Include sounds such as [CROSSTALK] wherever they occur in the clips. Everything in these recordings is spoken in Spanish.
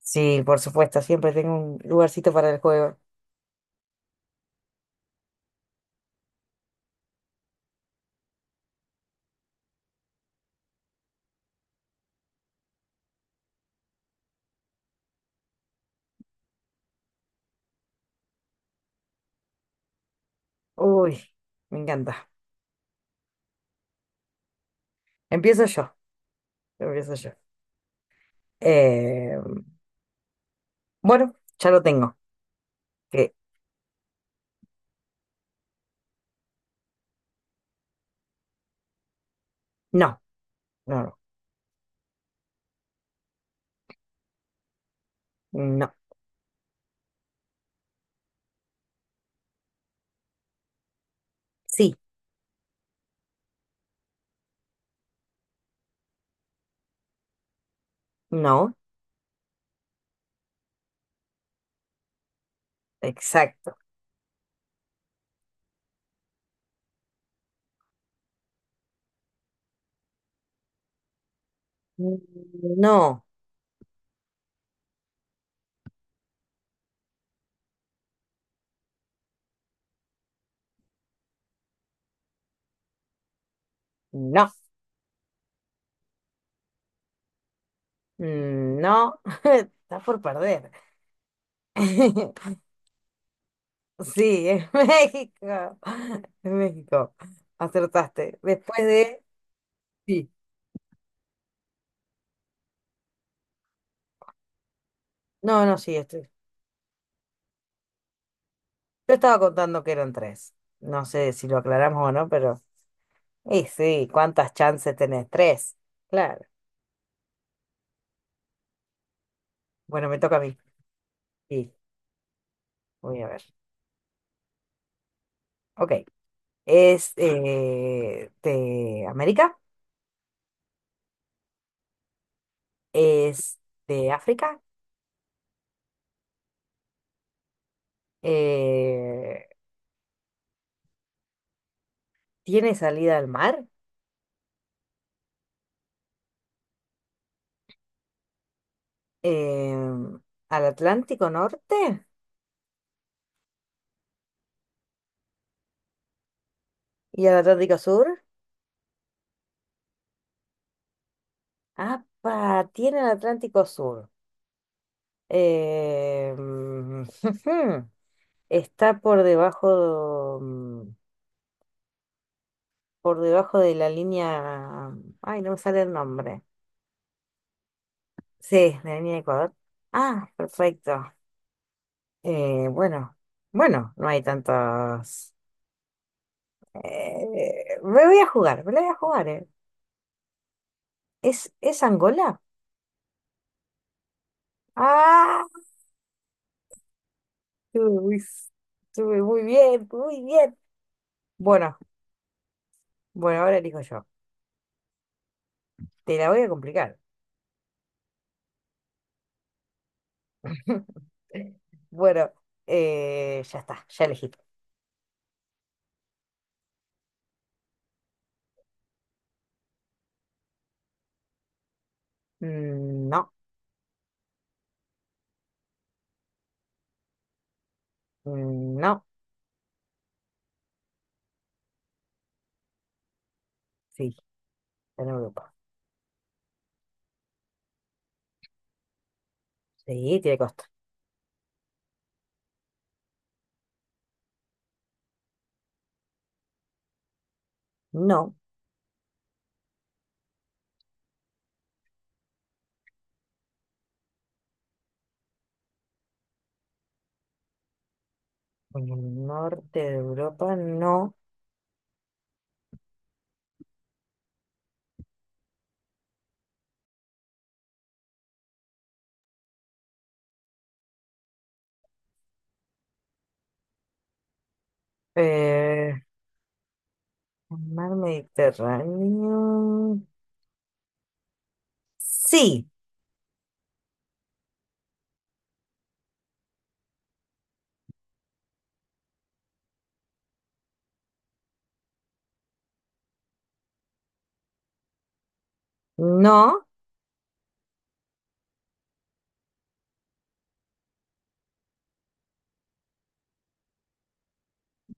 Sí, por supuesto, siempre tengo un lugarcito para el juego. Uy, me encanta. Empiezo yo, empiezo yo. Eh, bueno, ya lo tengo. Que no, no, no. Sí, no, exacto. No, no, no. [LAUGHS] Estás por perder. [LAUGHS] Sí, es México. Es México. Acertaste. Después de... Sí. No, no, sí, estoy. Yo estaba contando que eran tres. No sé si lo aclaramos o no, pero. Y sí, ¿cuántas chances tenés? Tres. Claro. Bueno, me toca a mí. Sí, voy a ver. Ok. ¿Es de América? ¿Es de África? Eh, ¿Tiene salida al mar? Em, ¿Al Atlántico Norte? ¿Y al Atlántico Sur? Ah, tiene el Atlántico Sur. Em, [LAUGHS] Está por debajo, por debajo de la línea. Ay, no me sale el nombre. Sí, de la línea de Ecuador. Ah, perfecto. Bueno, bueno, no hay tantos. Me voy a jugar, me la voy a jugar, es Angola? ¡Ah! Estuve muy, estuve muy bien, muy bien. Bueno, bueno, ahora elijo yo. Te la voy a complicar. [LAUGHS] Bueno, ya está, ya elegí. Mm, no, mm, no. Sí, está en Europa. Sí, tiene costa. No, en el norte de Europa no. Eh, el mar Mediterráneo. Sí, no,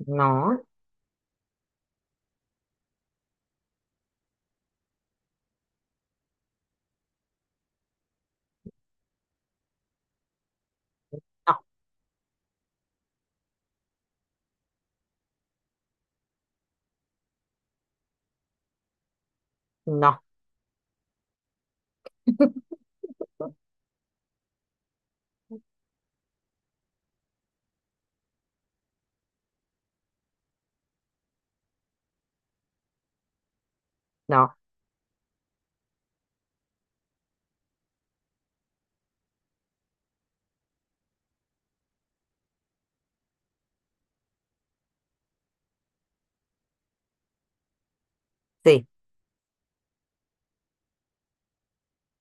no, no, no, [LAUGHS] no, sí.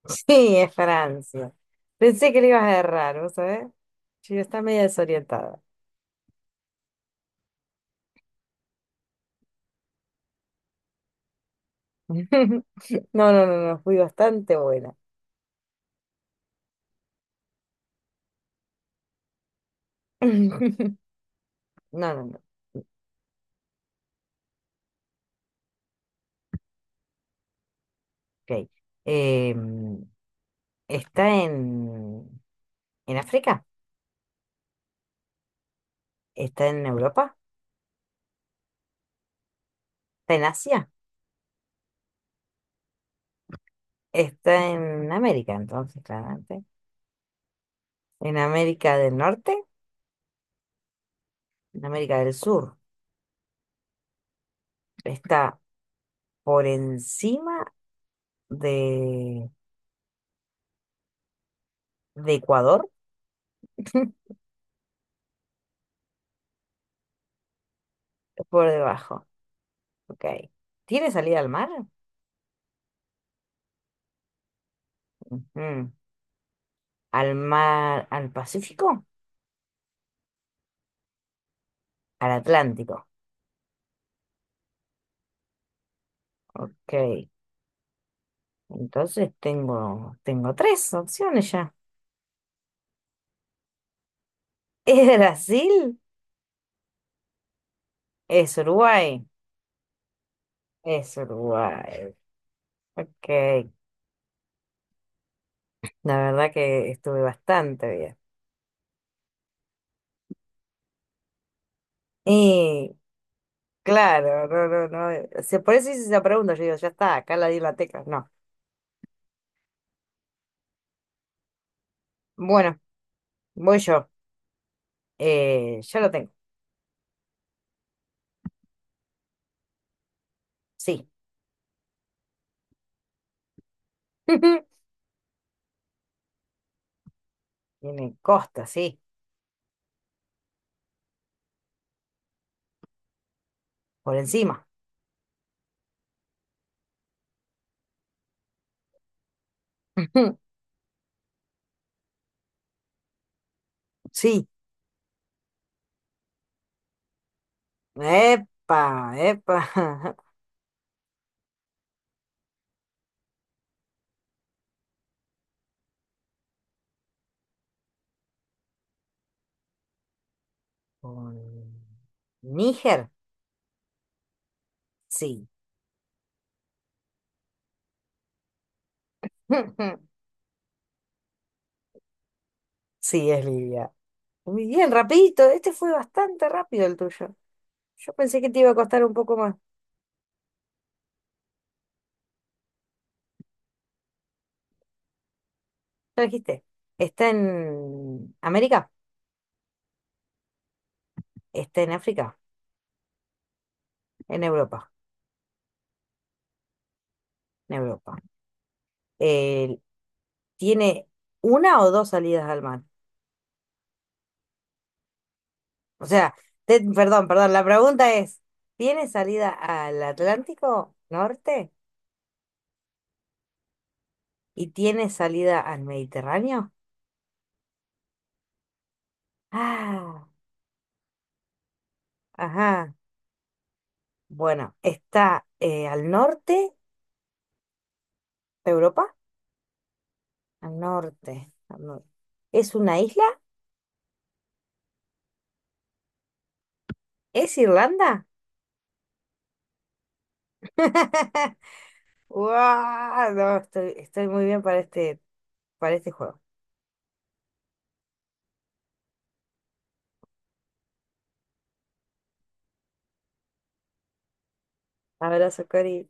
Sí, es Francia. Pensé que le ibas a errar, ¿vos sabés? Sí, está media desorientada. [LAUGHS] No, no, no, no, fui bastante buena. [LAUGHS] No, no, no. Ok. Em, ¿está en África? Está en Europa, está en Asia, está en América, entonces, claramente. En América del Norte, en América del Sur. Está por encima de, de Ecuador, por debajo. Ok. ¿Tiene salida al mar? Ujú. ¿Al mar, al Pacífico? Al Atlántico. Ok. Entonces tengo, tengo tres opciones ya. [LAUGHS] ¿Es Brasil? ¿Es Uruguay? Es Uruguay. Ok. La verdad que estuve bastante bien. Y claro, no, no, no. Se, por eso hice esa pregunta. Yo digo, ya está, acá la di la tecla. No. Bueno, voy yo. Ya lo tengo. Sí. [LAUGHS] Tiene costa, sí. Por encima. [LAUGHS] Sí. Epa, epa. [LAUGHS] Con Níger, sí. [LAUGHS] Sí, es Libia. Muy bien, rapidito. Este fue bastante rápido el tuyo. Yo pensé que te iba a costar un poco más. Lo dijiste. Está en América, está en África, en Europa, en Europa. Eh, ¿Tiene una o dos salidas al mar? O sea, te- perdón, perdón, la pregunta es, ¿tiene salida al Atlántico Norte y tiene salida al Mediterráneo? Ah, ajá. Bueno, está al norte de Europa, al norte, al norte. ¿Es una isla? ¿Es Irlanda? [LAUGHS] ¡Guau! No, estoy, estoy muy bien para este juego. Abrazo, Cori.